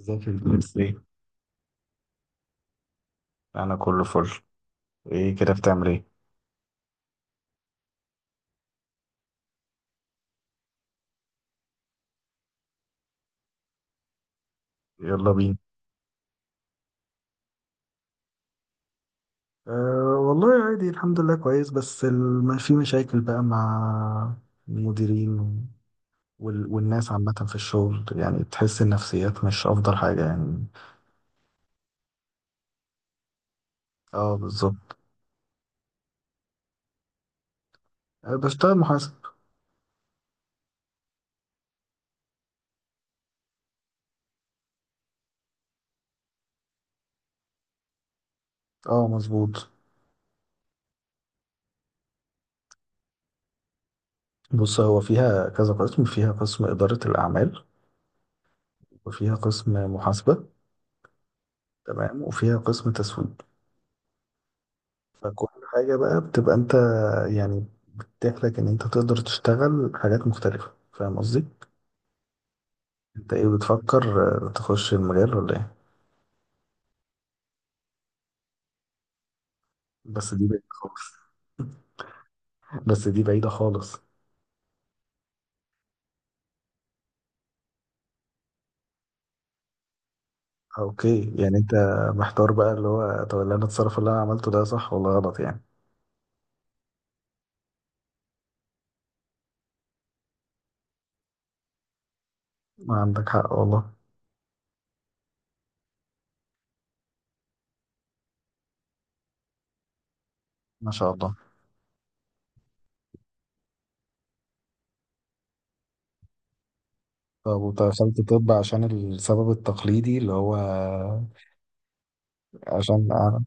ازيك يا باشمهندس ايه؟ انا كله فل. ايه كده، بتعمل ايه؟ يلا بينا. أه والله عادي، الحمد لله كويس، بس في مشاكل بقى مع المديرين والناس عامة في الشغل، يعني تحس النفسيات مش أفضل حاجة يعني. اه بالظبط. أه بشتغل محاسب. اه مظبوط. بص، هو فيها كذا قسم، فيها قسم إدارة الأعمال، وفيها قسم محاسبة، تمام، وفيها قسم تسويق. فكل حاجة بقى بتبقى أنت يعني تتيح لك ان انت تقدر تشتغل حاجات مختلفة، فاهم قصدي؟ انت ايه بتفكر، تخش المجال ولا ايه؟ بس دي بعيدة خالص. بس دي بعيدة خالص. اوكي، يعني انت محتار بقى، اللي هو طب اللي انا اتصرف، اللي انا عملته ده صح ولا غلط يعني. ما عندك حق والله. ما شاء الله. طب ودخلت طب عشان السبب التقليدي اللي هو عشان أعرف.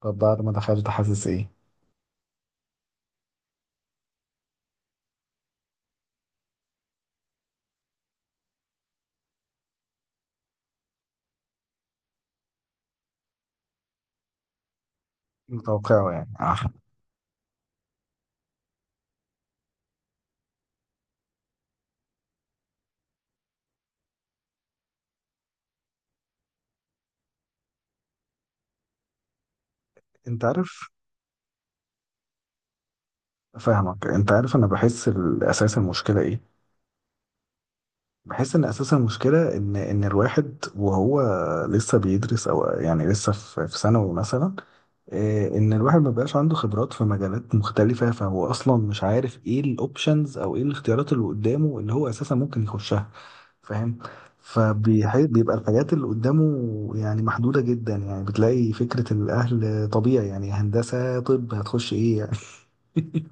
طب بعد ما دخلت حاسس ايه؟ متوقعه يعني. آه. انت عارف، فاهمك. انت عارف انا بحس الاساس المشكلة ايه؟ بحس ان اساس المشكله ان الواحد وهو لسه بيدرس، او يعني لسه في ثانوي مثلا. ان الواحد ما بقاش عنده خبرات في مجالات مختلفه، فهو اصلا مش عارف ايه الاوبشنز او ايه الاختيارات اللي قدامه اللي هو اساسا ممكن يخشها، فاهم. فبيبقى الحاجات اللي قدامه يعني محدوده جدا، يعني بتلاقي فكره الاهل طبيعي، يعني هندسه، طب، هتخش ايه يعني.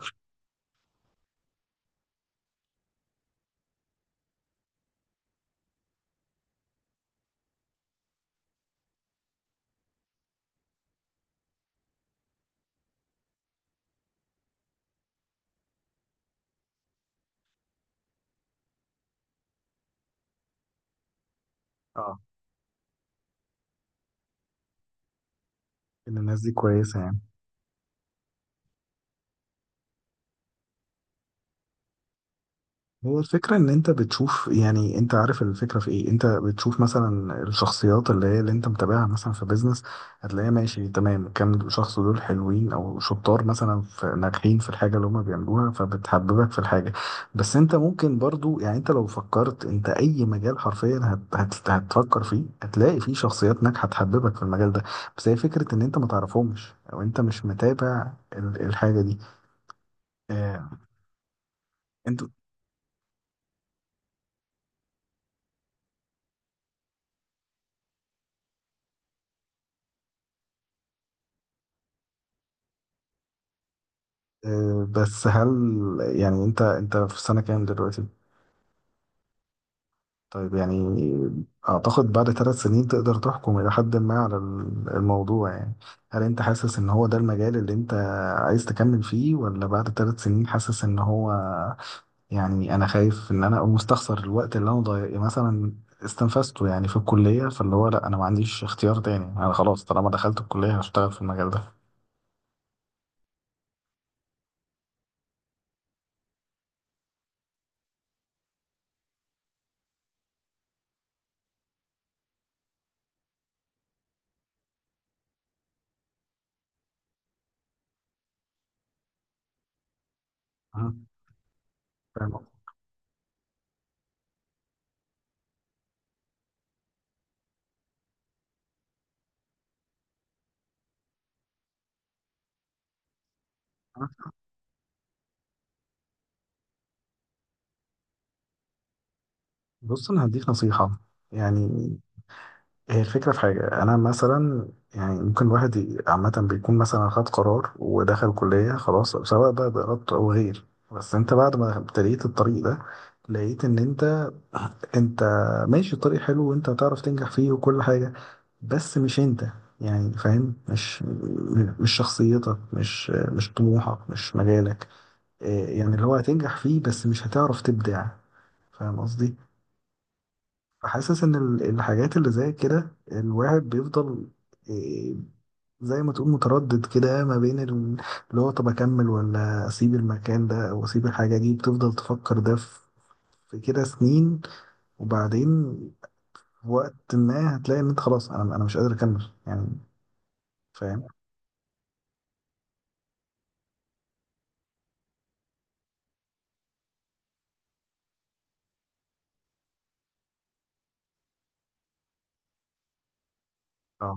اه، ان الناس دي كويسه يعني. هو الفكرة إن أنت بتشوف، يعني أنت عارف الفكرة في إيه؟ أنت بتشوف مثلا الشخصيات اللي هي اللي أنت متابعها مثلا في بيزنس، هتلاقيها ماشي تمام، كام شخص دول حلوين أو شطار مثلا، في ناجحين في الحاجة اللي هما بيعملوها، فبتحببك في الحاجة. بس أنت ممكن برضو، يعني أنت لو فكرت، أنت أي مجال حرفيا هت هت هتفكر فيه، هتلاقي فيه شخصيات ناجحة تحببك في المجال ده. بس هي فكرة إن أنت ما تعرفهمش أو أنت مش متابع الحاجة دي. آه، انت بس هل يعني انت في سنة كام دلوقتي؟ طيب يعني اعتقد بعد ثلاث سنين تقدر تحكم الى حد ما على الموضوع يعني. هل انت حاسس ان هو ده المجال اللي انت عايز تكمل فيه، ولا بعد ثلاث سنين حاسس ان هو، يعني انا خايف ان انا اقوم مستخسر الوقت اللي انا ضايق مثلا استنفذته يعني في الكلية، فاللي هو لا انا ما عنديش اختيار تاني، انا خلاص طالما دخلت الكلية هشتغل في المجال ده. أه، فاهم قصدي؟ بص انا هديك نصيحة. يعني هي الفكرة في حاجة، أنا مثلا يعني ممكن الواحد عامة بيكون مثلا خد قرار ودخل كلية خلاص، سواء بقى بإرادته أو غير. بس أنت بعد ما ابتديت الطريق ده لقيت إن أنت أنت ماشي الطريق حلو، وأنت هتعرف تنجح فيه وكل حاجة، بس مش أنت، يعني فاهم، مش مش شخصيتك، مش طموحك، مش مجالك. يعني اللي هو هتنجح فيه بس مش هتعرف تبدع، فاهم قصدي؟ حاسس ان الحاجات اللي زي كده الواحد بيفضل، إيه، زي ما تقول متردد كده ما بين اللي هو طب اكمل ولا اسيب المكان ده او اسيب الحاجة دي، بتفضل تفكر ده في كده سنين، وبعدين في وقت ما هتلاقي ان انت خلاص، انا مش قادر اكمل يعني، فاهم. اه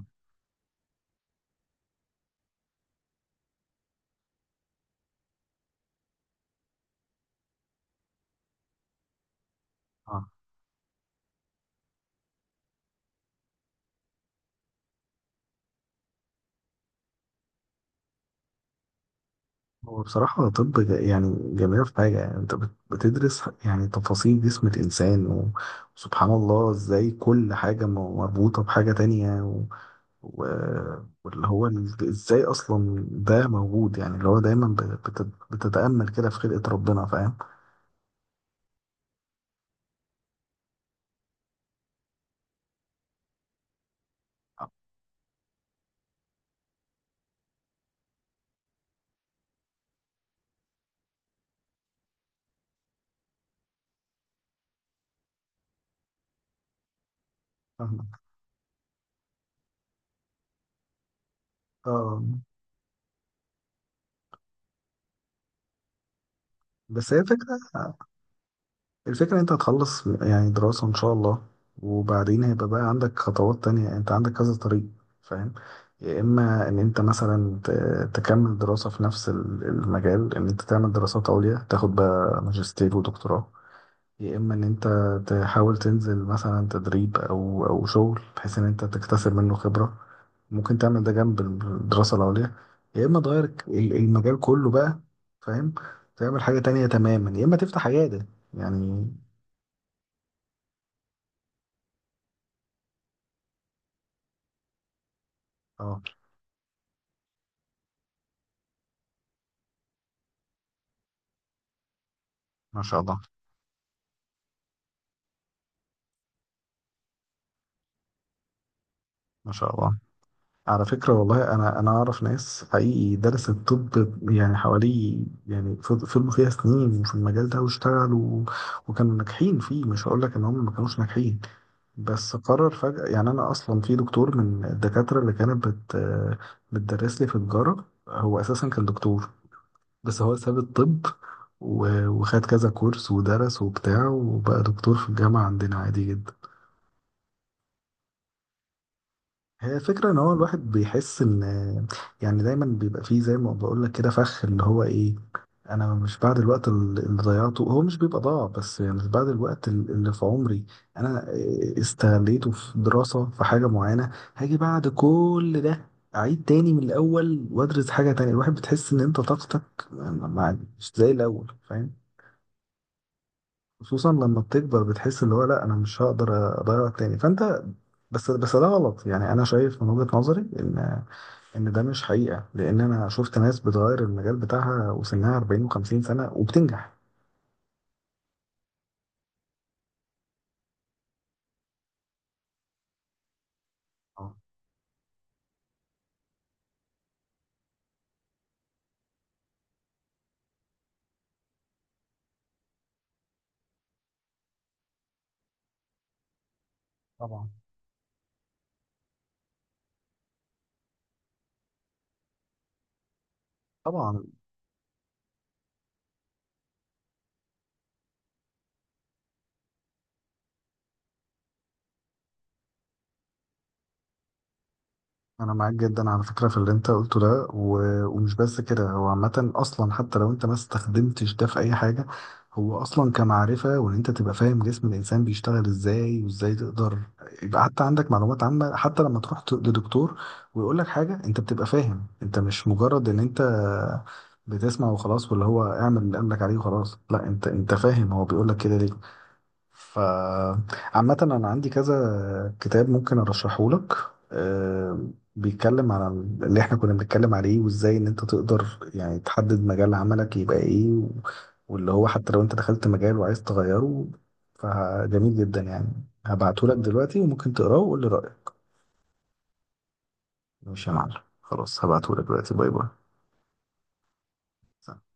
اه. هو بصراحة طب يعني جميلة في حاجة، يعني انت بتدرس يعني تفاصيل جسم الانسان وسبحان الله، ازاي كل حاجة مربوطة بحاجة تانية، و... واللي هو ازاي اصلا ده موجود، يعني اللي هو دايما بتتأمل كده في خلقة ربنا، فاهم. فاهمك. اه. بس هي فكرة الفكرة انت هتخلص يعني دراسة ان شاء الله، وبعدين هيبقى بقى عندك خطوات تانية، انت عندك كذا طريق، فاهم. يا اما ان انت مثلا تكمل دراسة في نفس المجال، ان انت تعمل دراسات عليا تاخد بقى ماجستير ودكتوراه، يا اما ان انت تحاول تنزل مثلا تدريب او شغل، بحيث ان انت تكتسب منه خبرة، ممكن تعمل ده جنب الدراسة العليا، يا اما تغير المجال كله بقى، فاهم، تعمل حاجة تانية تماما، يا اما تفتح عيادة يعني. اه، ما شاء الله. ما شاء الله. على فكرة والله انا اعرف ناس حقيقي درست طب، يعني حوالي، يعني فضلوا فيها سنين في المجال ده واشتغلوا، وكانوا ناجحين فيه، مش هقول لك ان هم ما كانوش ناجحين. بس قرر فجأة، يعني أنا أصلا في دكتور من الدكاترة اللي كانت بتدرس لي في تجارة، هو أساسا كان دكتور بس هو ساب الطب، وخد كذا كورس ودرس وبتاع وبقى دكتور في الجامعة عندنا عادي جدا. هي فكرة ان هو الواحد بيحس ان، يعني دايما بيبقى فيه زي ما بقول لك كده فخ، اللي هو ايه، انا مش بعد الوقت اللي ضيعته هو مش بيبقى ضاع بس، يعني مش بعد الوقت اللي في عمري انا استغليته في دراسة في حاجة معينة هاجي بعد كل ده اعيد تاني من الاول وادرس حاجة تانية، الواحد بتحس ان انت طاقتك مش زي الاول، فاهم. خصوصا لما بتكبر بتحس اللي هو لا انا مش هقدر اضيع تاني فانت، بس ده غلط يعني، انا شايف من وجهة نظري ان ده مش حقيقة، لان انا شفت ناس بتغير المجال بتاعها وسنها 40 و50 سنة وبتنجح. آه، طبعا طبعا. انا معاك جدا على فكره في اللي انت قلته ده، ومش بس كده، هو عامه اصلا حتى لو انت ما استخدمتش ده في اي حاجه، هو اصلا كمعرفه، وان انت تبقى فاهم جسم الانسان بيشتغل ازاي وازاي تقدر يبقى، حتى عندك معلومات عامه، حتى لما تروح لدكتور ويقول لك حاجه انت بتبقى فاهم، انت مش مجرد ان انت بتسمع وخلاص، واللي هو اعمل اللي قال لك عليه وخلاص، لا انت فاهم هو بيقول لك كده ليه. ف عامة أنا عندي كذا كتاب ممكن أرشحه لك، آه، بيتكلم على اللي إحنا كنا بنتكلم عليه، وإزاي إن أنت تقدر يعني تحدد مجال عملك يبقى إيه، واللي هو حتى لو أنت دخلت مجال وعايز تغيره، فجميل جدا يعني، هبعته لك دلوقتي وممكن تقراه وقول لي رأيك. ماشي يا معلم، خلاص هبعته لك دلوقتي، باي باي.